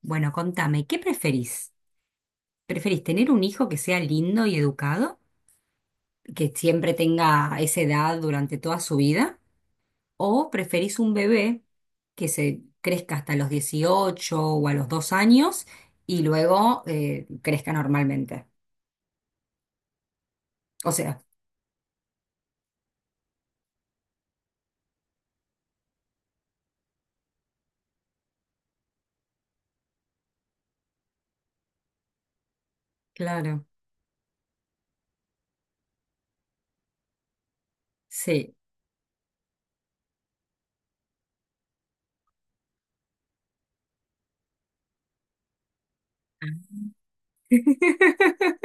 Bueno, contame, ¿qué preferís? ¿Preferís tener un hijo que sea lindo y educado, que siempre tenga esa edad durante toda su vida? ¿O preferís un bebé que se crezca hasta los 18 o a los 2 años y luego crezca normalmente? O sea, claro, sí.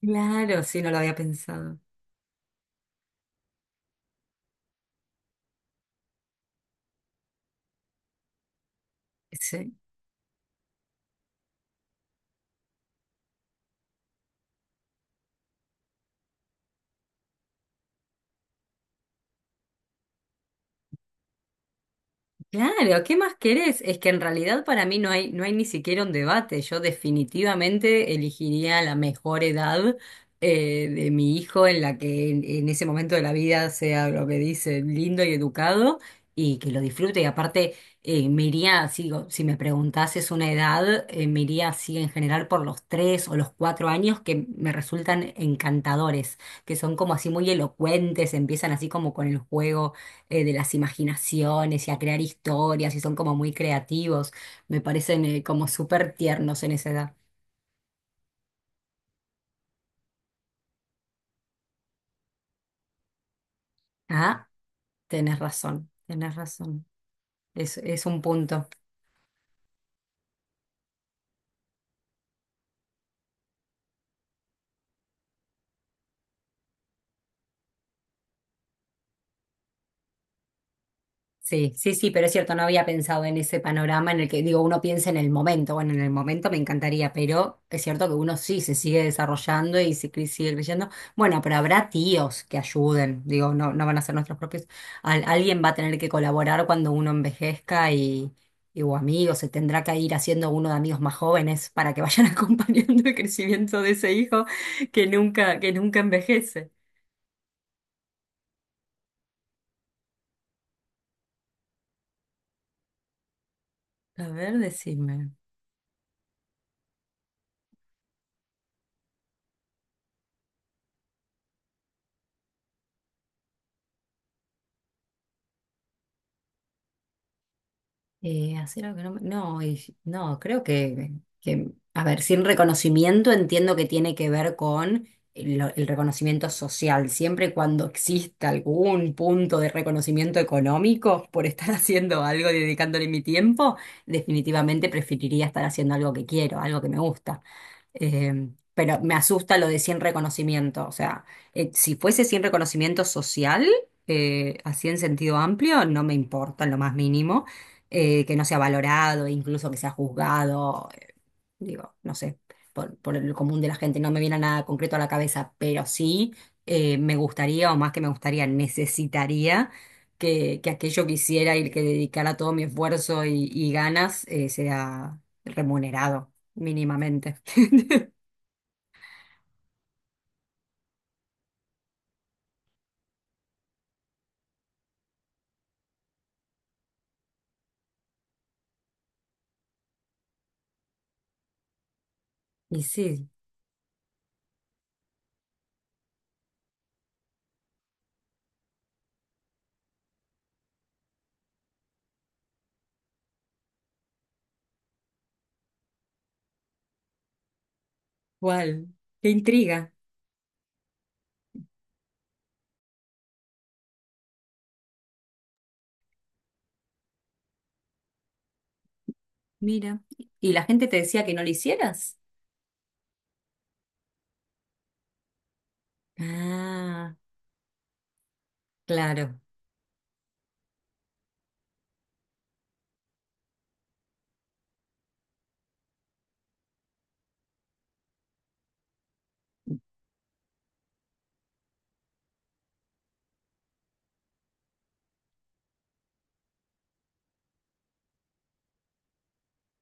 Claro, sí, no lo había pensado. Sí. Claro, ¿qué más querés? Es que en realidad para mí no hay ni siquiera un debate. Yo definitivamente elegiría la mejor edad de mi hijo en la que en ese momento de la vida sea lo que dice lindo y educado y que lo disfrute. Y aparte, me iría, si me preguntases una edad, me iría así en general por los 3 o los 4 años que me resultan encantadores, que son como así muy elocuentes, empiezan así como con el juego de las imaginaciones y a crear historias y son como muy creativos. Me parecen como súper tiernos en esa edad. Ah, tenés razón, tenés razón. Es un punto. Sí, sí, sí, pero es cierto, no había pensado en ese panorama en el que, digo, uno piensa en el momento, bueno, en el momento me encantaría, pero es cierto que uno sí se sigue desarrollando y sigue creciendo. Bueno, pero habrá tíos que ayuden, digo, no van a ser nuestros propios. Alguien va a tener que colaborar cuando uno envejezca y o amigos, se tendrá que ir haciendo uno de amigos más jóvenes para que vayan acompañando el crecimiento de ese hijo que nunca envejece. A ver, decime. Hacer algo que no, me- no, y- si, no, creo que, a ver, sin reconocimiento entiendo que tiene que ver con el reconocimiento social. Siempre y cuando exista algún punto de reconocimiento económico por estar haciendo algo, dedicándole mi tiempo, definitivamente preferiría estar haciendo algo que quiero, algo que me gusta. Pero me asusta lo de sin reconocimiento. O sea, si fuese sin reconocimiento social, así en sentido amplio, no me importa en lo más mínimo que no sea valorado, incluso que sea juzgado, digo, no sé, por el común de la gente, no me viene nada concreto a la cabeza, pero sí me gustaría, o más que me gustaría, necesitaría que aquello que hiciera y que dedicara todo mi esfuerzo y ganas sea remunerado mínimamente. Y sí, igual, qué intriga, mira. ¿Y la gente te decía que no lo hicieras? Ah, claro,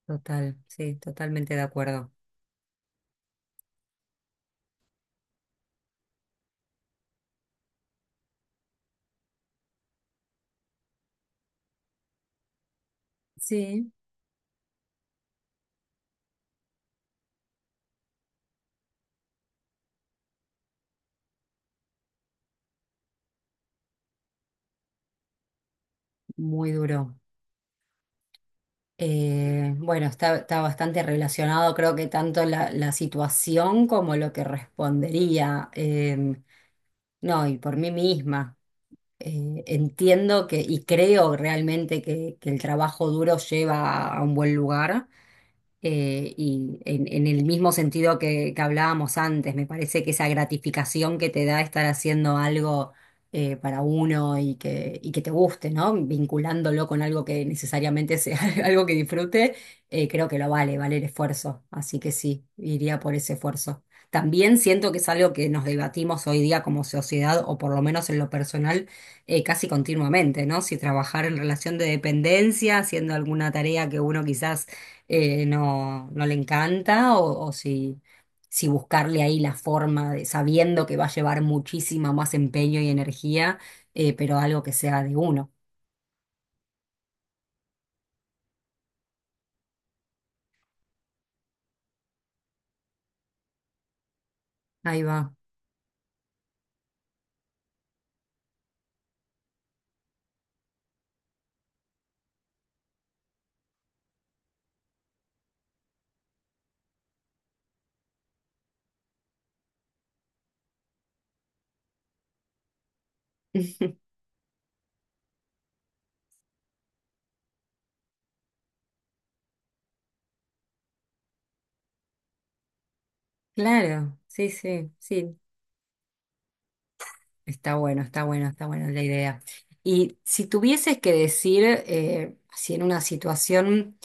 total, sí, totalmente de acuerdo. Sí. Muy duro. Bueno, está bastante relacionado, creo que tanto la situación como lo que respondería. No, y por mí misma. Entiendo que y creo realmente que el trabajo duro lleva a un buen lugar. Y en el mismo sentido que hablábamos antes, me parece que esa gratificación que te da estar haciendo algo para uno y y que te guste, ¿no? Vinculándolo con algo que necesariamente sea algo que disfrute, creo que lo vale, vale el esfuerzo. Así que sí, iría por ese esfuerzo. También siento que es algo que nos debatimos hoy día como sociedad, o por lo menos en lo personal, casi continuamente, ¿no? Si trabajar en relación de dependencia, haciendo alguna tarea que uno quizás no, no le encanta o, si buscarle ahí la forma de, sabiendo que va a llevar muchísimo más empeño y energía, pero algo que sea de uno. Ahí va. Claro, sí, sí, sí. Está bueno, está bueno, está buena la idea. Y si tuvieses que decir, si en una situación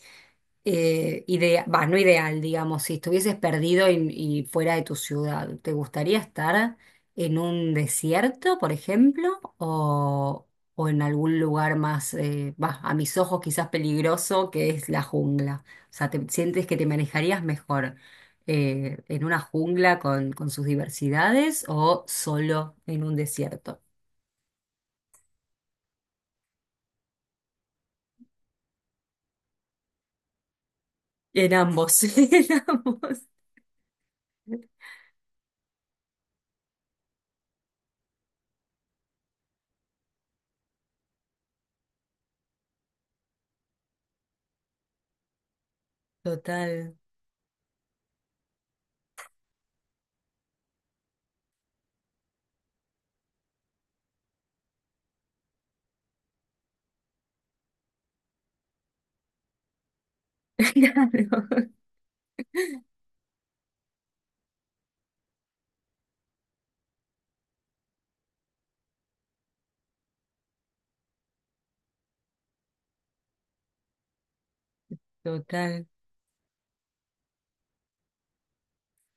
no ideal, digamos, si estuvieses perdido y fuera de tu ciudad, ¿te gustaría estar en un desierto, por ejemplo, o en algún lugar más, a mis ojos quizás peligroso, que es la jungla? O sea, ¿te sientes que te manejarías mejor en una jungla con sus diversidades o solo en un desierto? En ambos, en ambos. Total. Claro, total.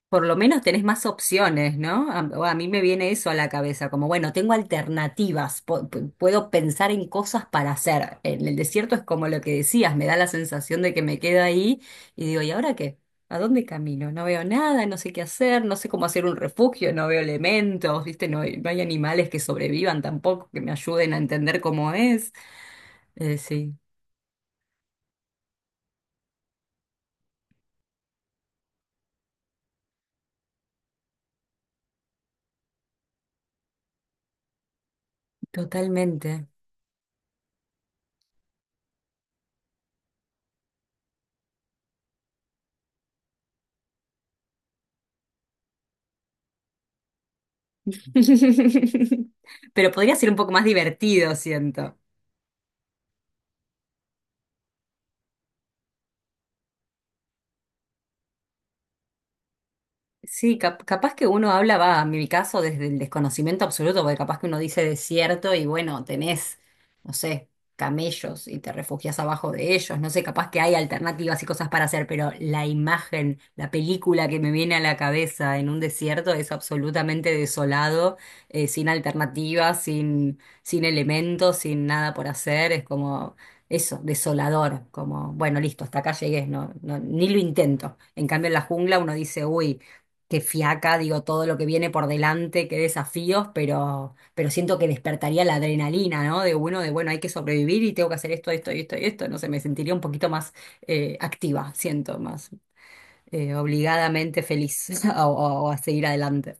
Por lo menos tenés más opciones, ¿no? A, o a mí me viene eso a la cabeza, como bueno, tengo alternativas, puedo pensar en cosas para hacer. En el desierto es como lo que decías, me da la sensación de que me quedo ahí y digo, ¿y ahora qué? ¿A dónde camino? No veo nada, no sé qué hacer, no sé cómo hacer un refugio, no veo elementos, ¿viste? No hay animales que sobrevivan tampoco, que me ayuden a entender cómo es. Sí, totalmente. Pero podría ser un poco más divertido, siento. Sí, capaz que uno habla, va, en mi caso, desde el desconocimiento absoluto, porque capaz que uno dice desierto y bueno, tenés, no sé, camellos y te refugias abajo de ellos, no sé, capaz que hay alternativas y cosas para hacer, pero la imagen, la película que me viene a la cabeza en un desierto es absolutamente desolado, sin alternativas, sin elementos, sin nada por hacer, es como... Eso, desolador, como, bueno, listo, hasta acá llegué, no, no, ni lo intento. En cambio, en la jungla uno dice, uy, qué fiaca, digo, todo lo que viene por delante, qué desafíos, pero siento que despertaría la adrenalina, ¿no? De bueno, hay que sobrevivir y tengo que hacer esto, esto y esto y esto. No sé, me sentiría un poquito más activa, siento, más obligadamente feliz o a seguir adelante.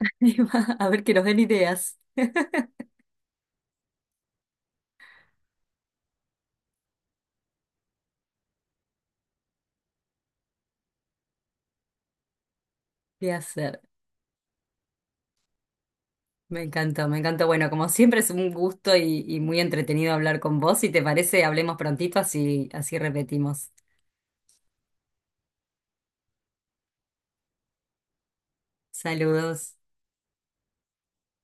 A ver que nos den ideas de hacer. Me encantó, me encantó. Bueno, como siempre es un gusto y muy entretenido hablar con vos. Si te parece, hablemos prontito, así, así repetimos. Saludos.